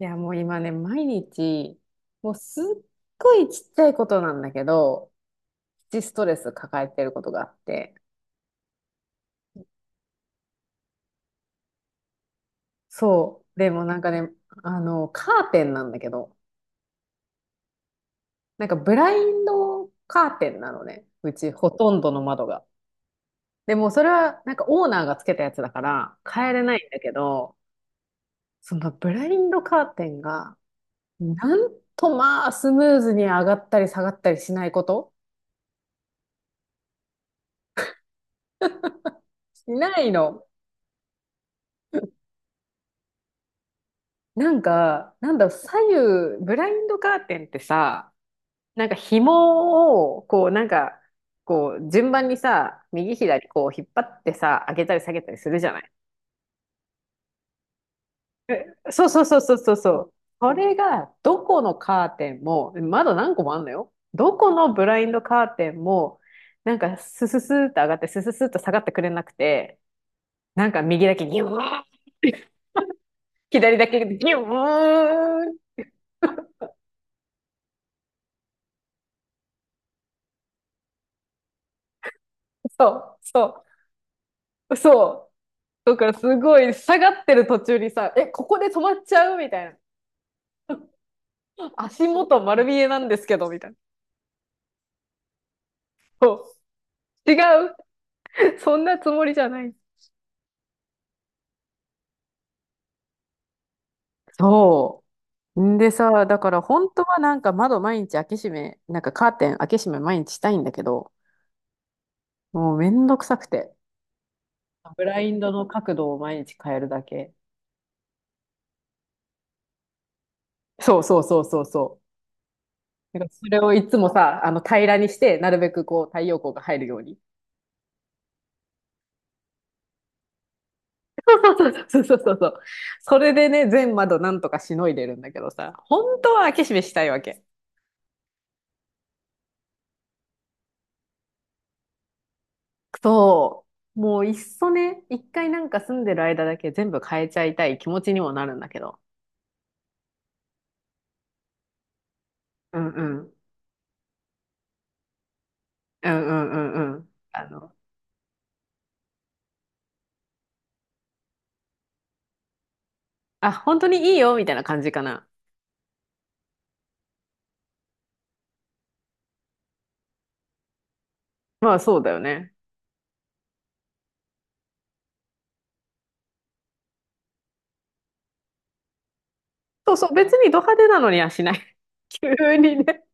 いや、もう今ね、毎日、もうすっごいちっちゃいことなんだけどプチストレス抱えてることがあって。そう。でもなんかね、カーテンなんだけど、なんかブラインドカーテンなのね。うちほとんどの窓が。でもそれはなんかオーナーがつけたやつだから変えれないんだけど、そのブラインドカーテンが、なんとまあスムーズに上がったり下がったりしないこと、しないの。左右、ブラインドカーテンってさ、紐を、順番にさ、右左、こう、引っ張ってさ、上げたり下げたりするじゃない。そうそうそうそうそうそう。それが、どこのカーテンも、まだ何個もあんのよ。どこのブラインドカーテンも、なんか、スススーっ上がって、スススーっ下がってくれなくて、なんか右だけギューン、左だけギューン、そう、そう、そう。だからすごい下がってる途中にさ、え、ここで止まっちゃうみたいな。足元丸見えなんですけど、みたいな。そう違う。そんなつもりじゃない。そう。んでさ、だから本当はなんか窓毎日開け閉め、なんかカーテン開け閉め毎日したいんだけど、もうめんどくさくて。ブラインドの角度を毎日変えるだけ。そうそうそうそうそう。だからそれをいつもさ、あの平らにして、なるべくこう太陽光が入るように、そうそうそうそう。それでね、全窓なんとかしのいでるんだけどさ、本当は開け閉めしたいわけ。そう。もういっそね、一回なんか住んでる間だけ全部変えちゃいたい気持ちにもなるんだけど。うんうん。うんうんうんうん。あ、本当にいいよみたいな感じかな。まあそうだよね。そうそう、別にド派手なのにはしない。急にね。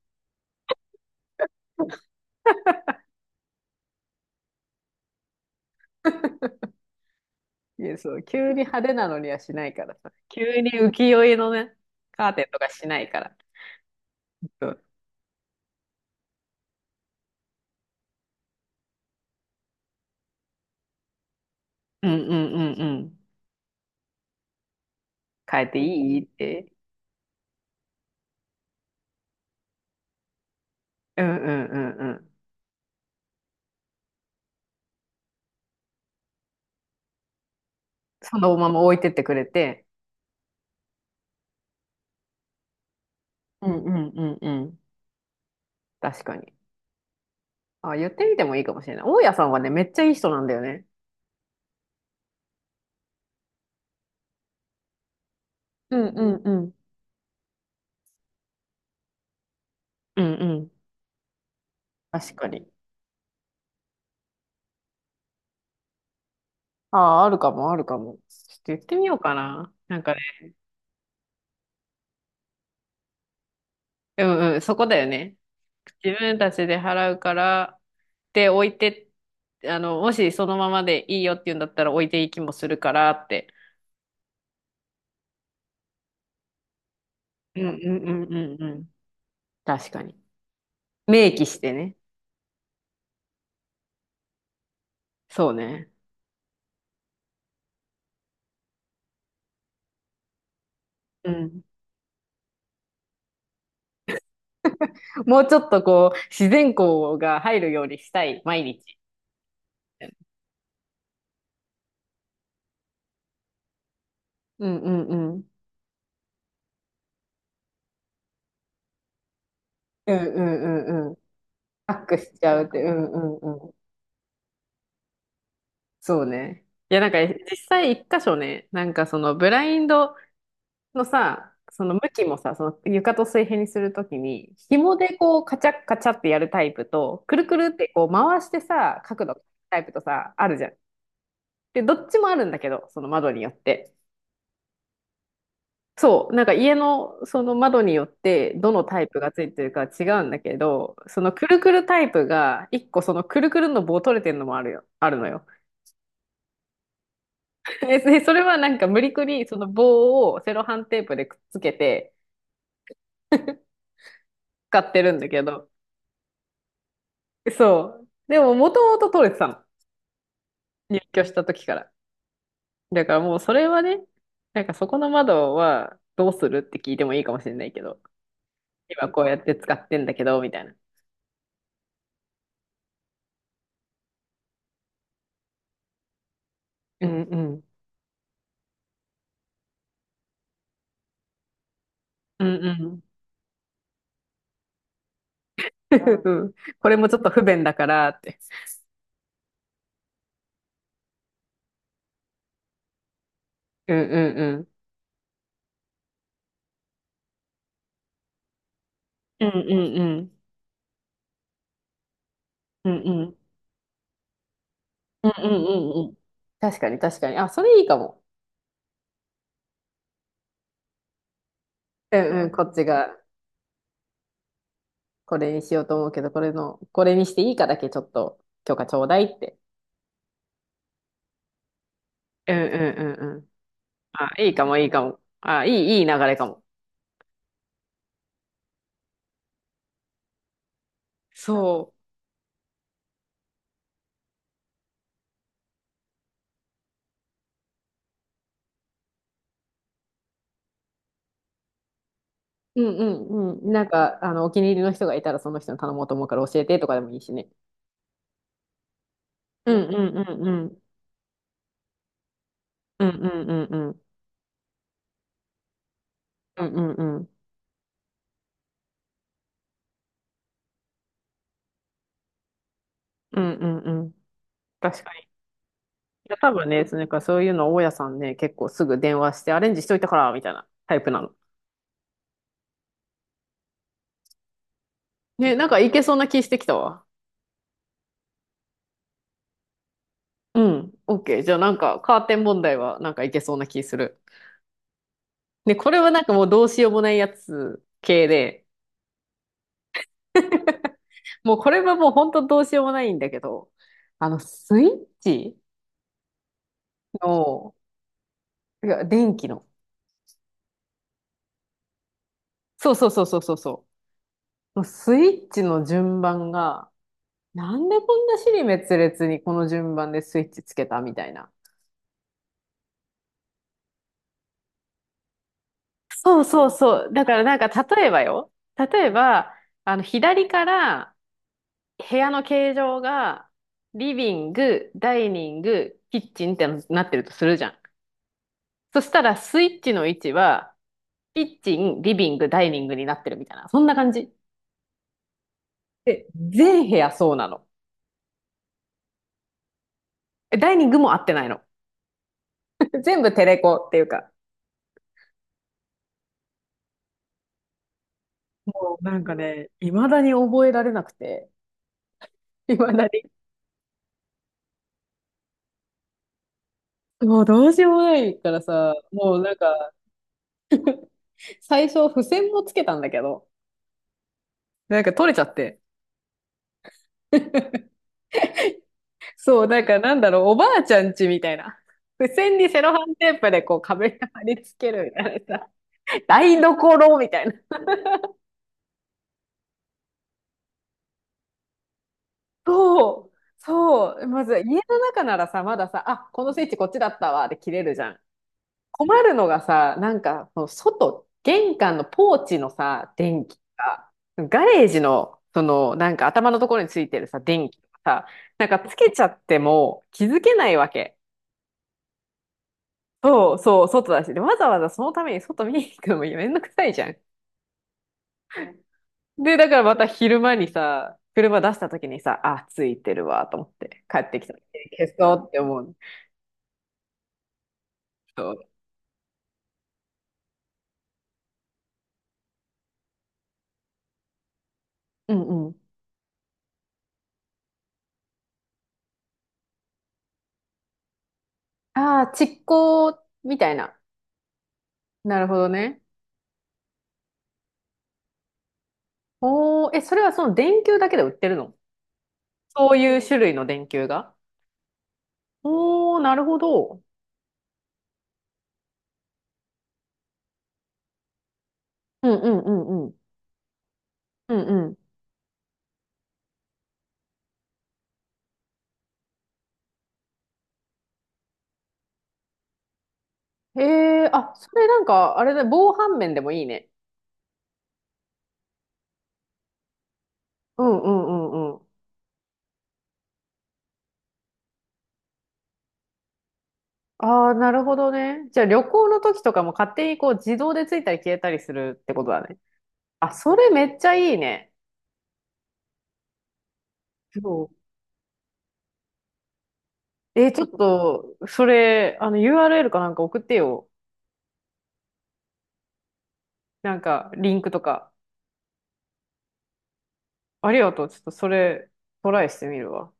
いや、そう、急に派手なのにはしないからさ。急に浮世絵のね、カーテンとかしないから。うんうんうんうん。変えていいって。うんうんうんうん。そのまま置いてってくれて。うんうんうんうん。確かに。あ、言ってみてもいいかもしれない。大家さんはね、めっちゃいい人なんだよね。うんうんうん。うんうん。確かに。ああ、あるかも、あるかも。ちょっと言ってみようかな。なんかね、うんうん、そこだよね。自分たちで払うから、で、置いて、もしそのままでいいよって言うんだったら置いていきもするからって。うんうんうんうんうん。確かに。明記してね。そうね。うん。もうちょっとこう、自然光が入るようにしたい、毎日。うんうんうん。うんうんうんうん。パックしちゃうって、うんうんうん。そうね。いや、なんか実際一箇所ね、なんかそのブラインドのさ、その向きもさ、その床と水平にするときに、紐でこうカチャッカチャってやるタイプと、くるくるってこう回してさ、角度タイプとさ、あるじゃん。で、どっちもあるんだけど、その窓によって。そう、なんか家のその窓によってどのタイプがついてるか違うんだけど、そのくるくるタイプが一個そのくるくるの棒取れてるのもあるよ、あるのよ。で、でそれはなんか無理くりその棒をセロハンテープでくっつけて使ってるんだけど、そう。でももともと取れてたの。入居した時から。だからもうそれはね、なんかそこの窓はどうするって聞いてもいいかもしれないけど、今こうやって使ってんだけど、みたいな。うんうん。うんうん。うん、これもちょっと不便だからって。うんうんうんうんうんうん。うんうん。うんうんうんうん。確かに確かに。あ、それいいかも。うんうん。んこっちがこれにしようと思うけど、これの、これにしていいかだけちょっと許可ちょうだいって。うんうんうんうん。あ、いいかもいいかも。あ、いい、いい流れかも。そう。うんうんうん。お気に入りの人がいたらその人に頼もうと思うから教えてとかでもいいしね。うんうんうんうん。うんうんうんうん。うんうんうん。うんうんうん。確かに。いや、多分ね、そのなんかそういうの大家さんね、結構すぐ電話してアレンジしといたから、みたいなタイプなの。ね、なんかいけそうな気してきたわ。うん、OK。じゃあなんかカーテン問題はなんかいけそうな気する。ね、これはなんかもうどうしようもないやつ系で、もうこれはもう本当どうしようもないんだけど、スイッチの、いや、電気の。そうそうそうそうそうそう。もうスイッチの順番が、なんでこんな支離滅裂にこの順番でスイッチつけたみたいな。そうそうそう。だからなんか例えばよ。例えば、左から部屋の形状がリビング、ダイニング、キッチンってなってるとするじゃん。そしたらスイッチの位置はキッチン、リビング、ダイニングになってるみたいな。そんな感じ。で、全部屋そうなの。えダイニングも合ってないの。全部テレコっていうか。もうなんかね、未だに覚えられなくて。未だに。もうどうしようもないからさ、もうなんか、最初、付箋もつけたんだけど、なんか取れちゃって。そう、おばあちゃんちみたいな。付箋にセロハンテープでこう壁に貼り付けるみたいなさ、台所みたいな。そう、そう。まず家の中ならさ、まださ、あ、このスイッチこっちだったわで切れるじゃん。困るのがさ、その外、玄関のポーチのさ、電気が、ガレージの、その頭のところについてるさ、電気とかさ、なんかつけちゃっても気づけないわけ。そうそう、外だし。で、わざわざそのために外見に行くのもめんどくさいじゃん。で、だからまた昼間にさ、車出した時にさ、あ、ついてるわ、と思って帰ってきた時に消そうって思う。そう。うんうん。ああ、蓄光みたいな。なるほどね。おー、え、それはその電球だけで売ってるの、そういう種類の電球が。おー、なるほど。うんうんうんうん。うんうん。えー、あ、それなんか、あれだ、防犯面でもいいね。うんうんうんうん。ああ、なるほどね。じゃあ旅行の時とかも勝手にこう自動でついたり消えたりするってことだね。あ、それめっちゃいいね。そう。えーちょっと、それ、URL かなんか送ってよ。なんか、リンクとか。ありがとう。ちょっとそれ、トライしてみるわ。